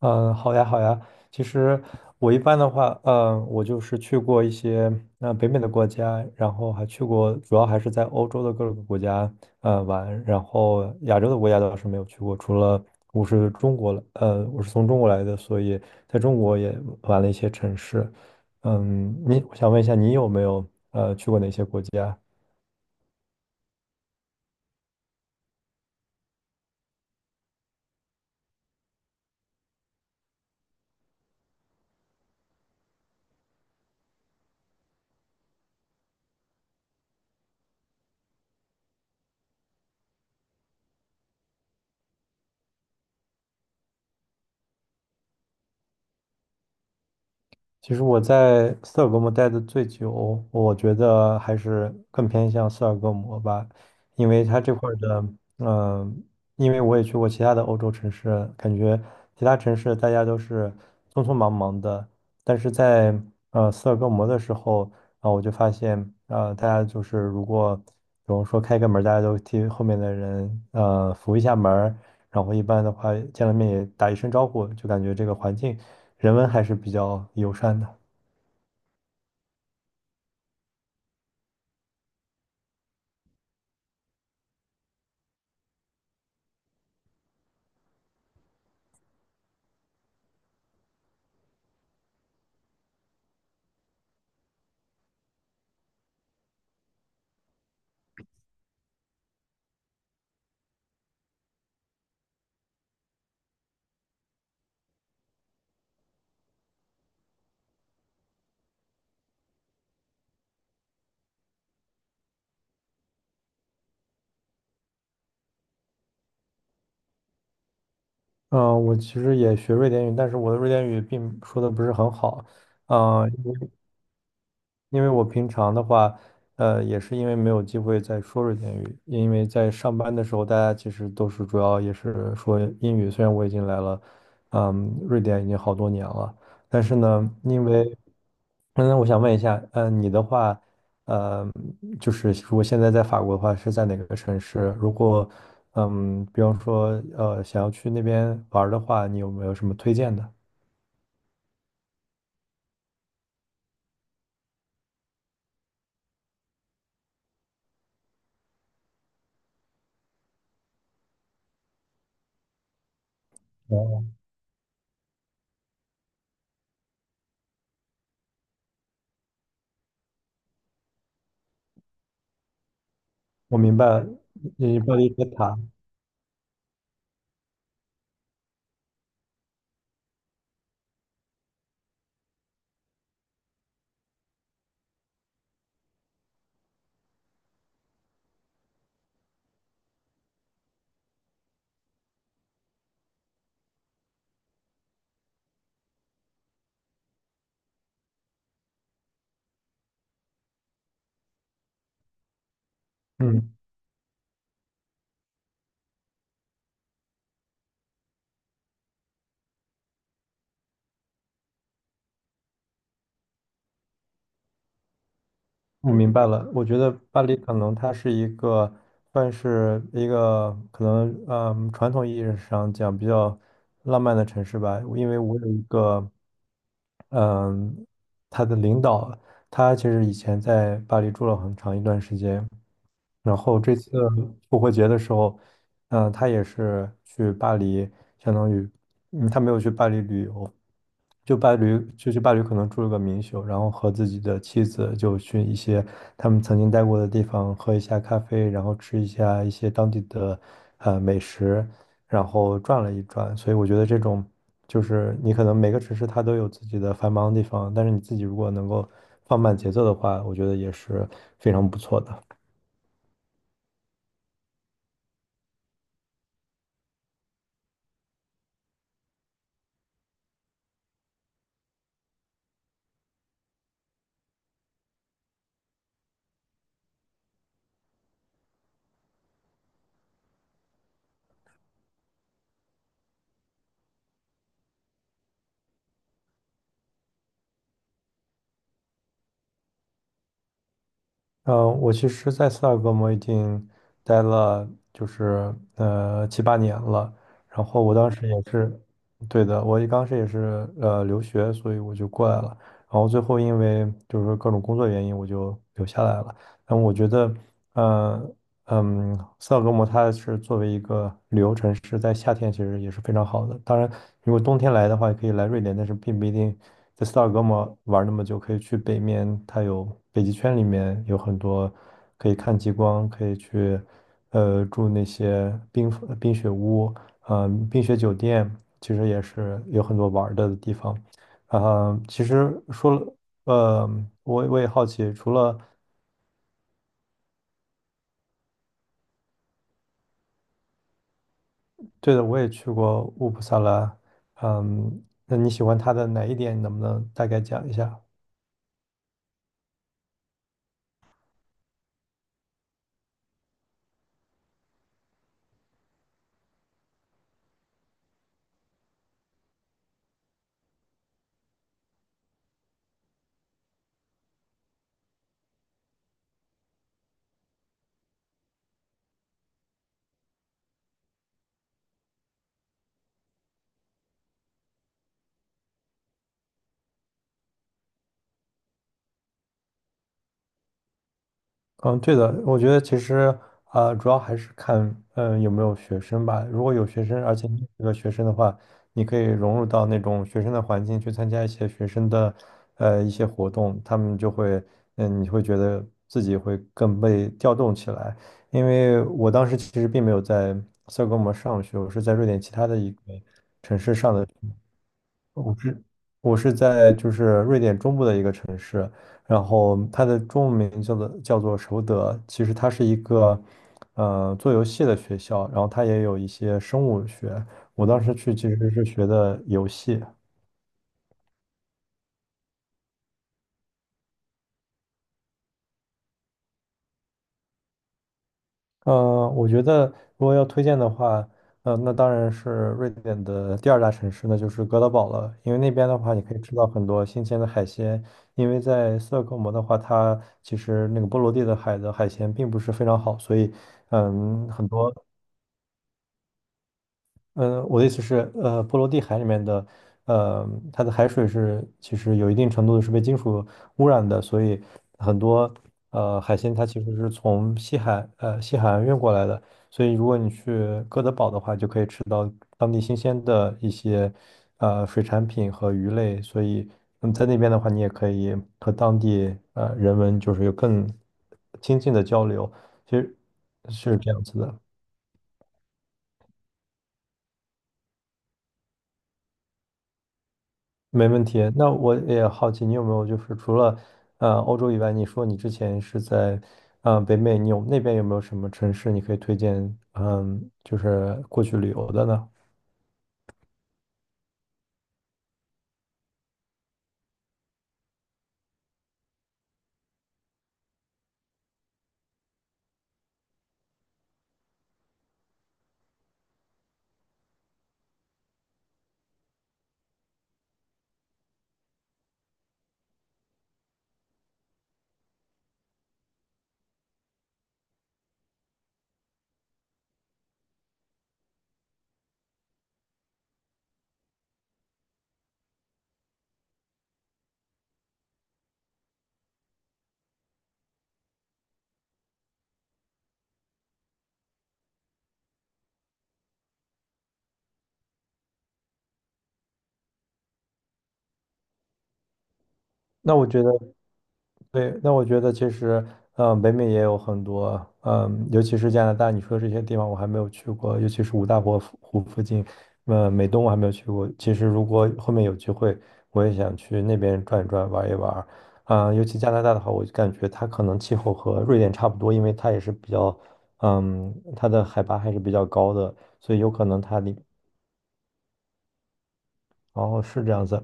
好呀，好呀。其实我一般的话，我就是去过一些北美的国家，然后还去过，主要还是在欧洲的各个国家玩，然后亚洲的国家倒是没有去过，除了我是中国，我是从中国来的，所以在中国也玩了一些城市。我想问一下，你有没有去过哪些国家？其实我在斯德哥尔摩待的最久，我觉得还是更偏向斯德哥尔摩吧，因为它这块儿的，嗯、因为我也去过其他的欧洲城市，感觉其他城市大家都是匆匆忙忙的，但是在斯德哥尔摩的时候，我就发现，大家就是如果比如说开个门儿大家都替后面的人扶一下门儿，然后一般的话见了面也打一声招呼，就感觉这个环境人文还是比较友善的。我其实也学瑞典语，但是我的瑞典语并说的不是很好。嗯、因为我平常的话，也是因为没有机会再说瑞典语，因为在上班的时候，大家其实都是主要也是说英语。虽然我已经来了，嗯，瑞典已经好多年了，但是呢，因为，嗯，我想问一下，你的话，呃，就是如果现在在法国的话，是在哪个城市？如果，比方说，想要去那边玩儿的话，你有没有什么推荐的？哦，我明白了，你巴黎铁塔。嗯。我明白了，我觉得巴黎可能它是一个算是一个可能，嗯，传统意义上讲比较浪漫的城市吧。因为我有一个，嗯，他的领导，他其实以前在巴黎住了很长一段时间，然后这次复活节的时候，嗯，他也是去巴黎，相当于。就伴侣，就是伴侣可能住了个民宿，然后和自己的妻子就去一些他们曾经待过的地方喝一下咖啡，然后吃一下一些当地的美食，然后转了一转。所以我觉得这种就是你可能每个城市它都有自己的繁忙的地方，但是你自己如果能够放慢节奏的话，我觉得也是非常不错的。我其实在斯德哥尔摩已经待了，就是七八年了。然后我当时也是，对的，我一当时也是留学，所以我就过来了。然后最后因为就是各种工作原因，我就留下来了。但我觉得，呃。嗯，斯德哥摩它是作为一个旅游城市，在夏天其实也是非常好的。当然，如果冬天来的话，也可以来瑞典，但是并不一定在斯德哥摩玩那么久。可以去北面，它有北极圈，里面有很多可以看极光，可以去住那些冰雪屋，冰雪酒店，其实也是有很多玩儿的地方。其实说了，呃，我也好奇，除了对的，我也去过乌普萨拉。嗯，那你喜欢他的哪一点？能不能大概讲一下？嗯，对的，我觉得其实主要还是看嗯有没有学生吧。如果有学生，而且你是个学生的话，你可以融入到那种学生的环境去参加一些学生的一些活动，他们就会嗯你会觉得自己会更被调动起来。因为我当时其实并没有在斯德哥尔摩上学，我是在瑞典其他的一个城市。我是我是在就是瑞典中部的一个城市，然后它的中文名叫做首德，其实它是一个做游戏的学校，然后它也有一些生物学，我当时去其实是学的游戏。我觉得如果要推荐的话，那当然是瑞典的第二大城市，那就是哥德堡了。因为那边的话，你可以吃到很多新鲜的海鲜。因为在斯德哥尔摩的话，它其实那个波罗的海的海鲜并不是非常好，所以，嗯，很多我的意思是，波罗的海里面的，呃，它的海水是其实有一定程度的是被金属污染的，所以很多海鲜它其实是从西海岸运过来的，所以如果你去哥德堡的话，就可以吃到当地新鲜的一些水产品和鱼类，所以嗯在那边的话，你也可以和当地人文就是有更亲近的交流，其实是这样子的。没问题。那我也好奇，你有没有就是除了欧洲以外，你说你之前是在北美，你有那边有没有什么城市你可以推荐？嗯，就是过去旅游的呢？那我觉得。对，那我觉得其实，嗯，北美也有很多，嗯，尤其是加拿大，你说这些地方我还没有去过，尤其是五大湖附近，嗯，美东我还没有去过。其实如果后面有机会，我也想去那边转一转，玩一玩。嗯，尤其加拿大的话，我就感觉它可能气候和瑞典差不多，因为它也是比较，嗯，它的海拔还是比较高的，所以有可能它里，哦，是这样子。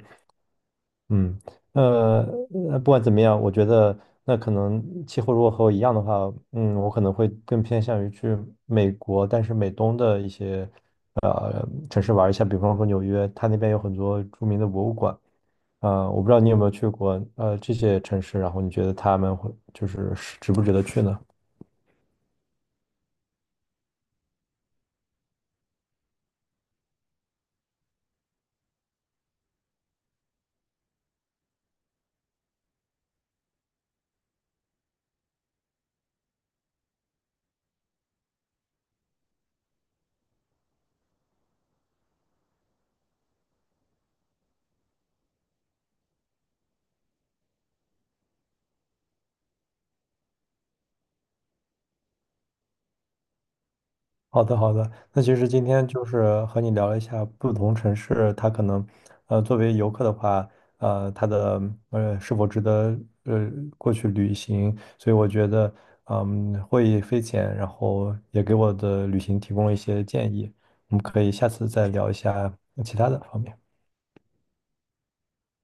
嗯，呃，不管怎么样，我觉得那可能气候如果和我一样的话，嗯，我可能会更偏向于去美国，但是美东的一些城市玩一下，比方说纽约，它那边有很多著名的博物馆，我不知道你有没有去过这些城市，然后你觉得他们会就是值不值得去呢？好的，好的。那其实今天就是和你聊了一下不同城市，它可能，作为游客的话，它的是否值得呃过去旅行？所以我觉得，嗯，获益匪浅，然后也给我的旅行提供了一些建议。我们可以下次再聊一下其他的方面。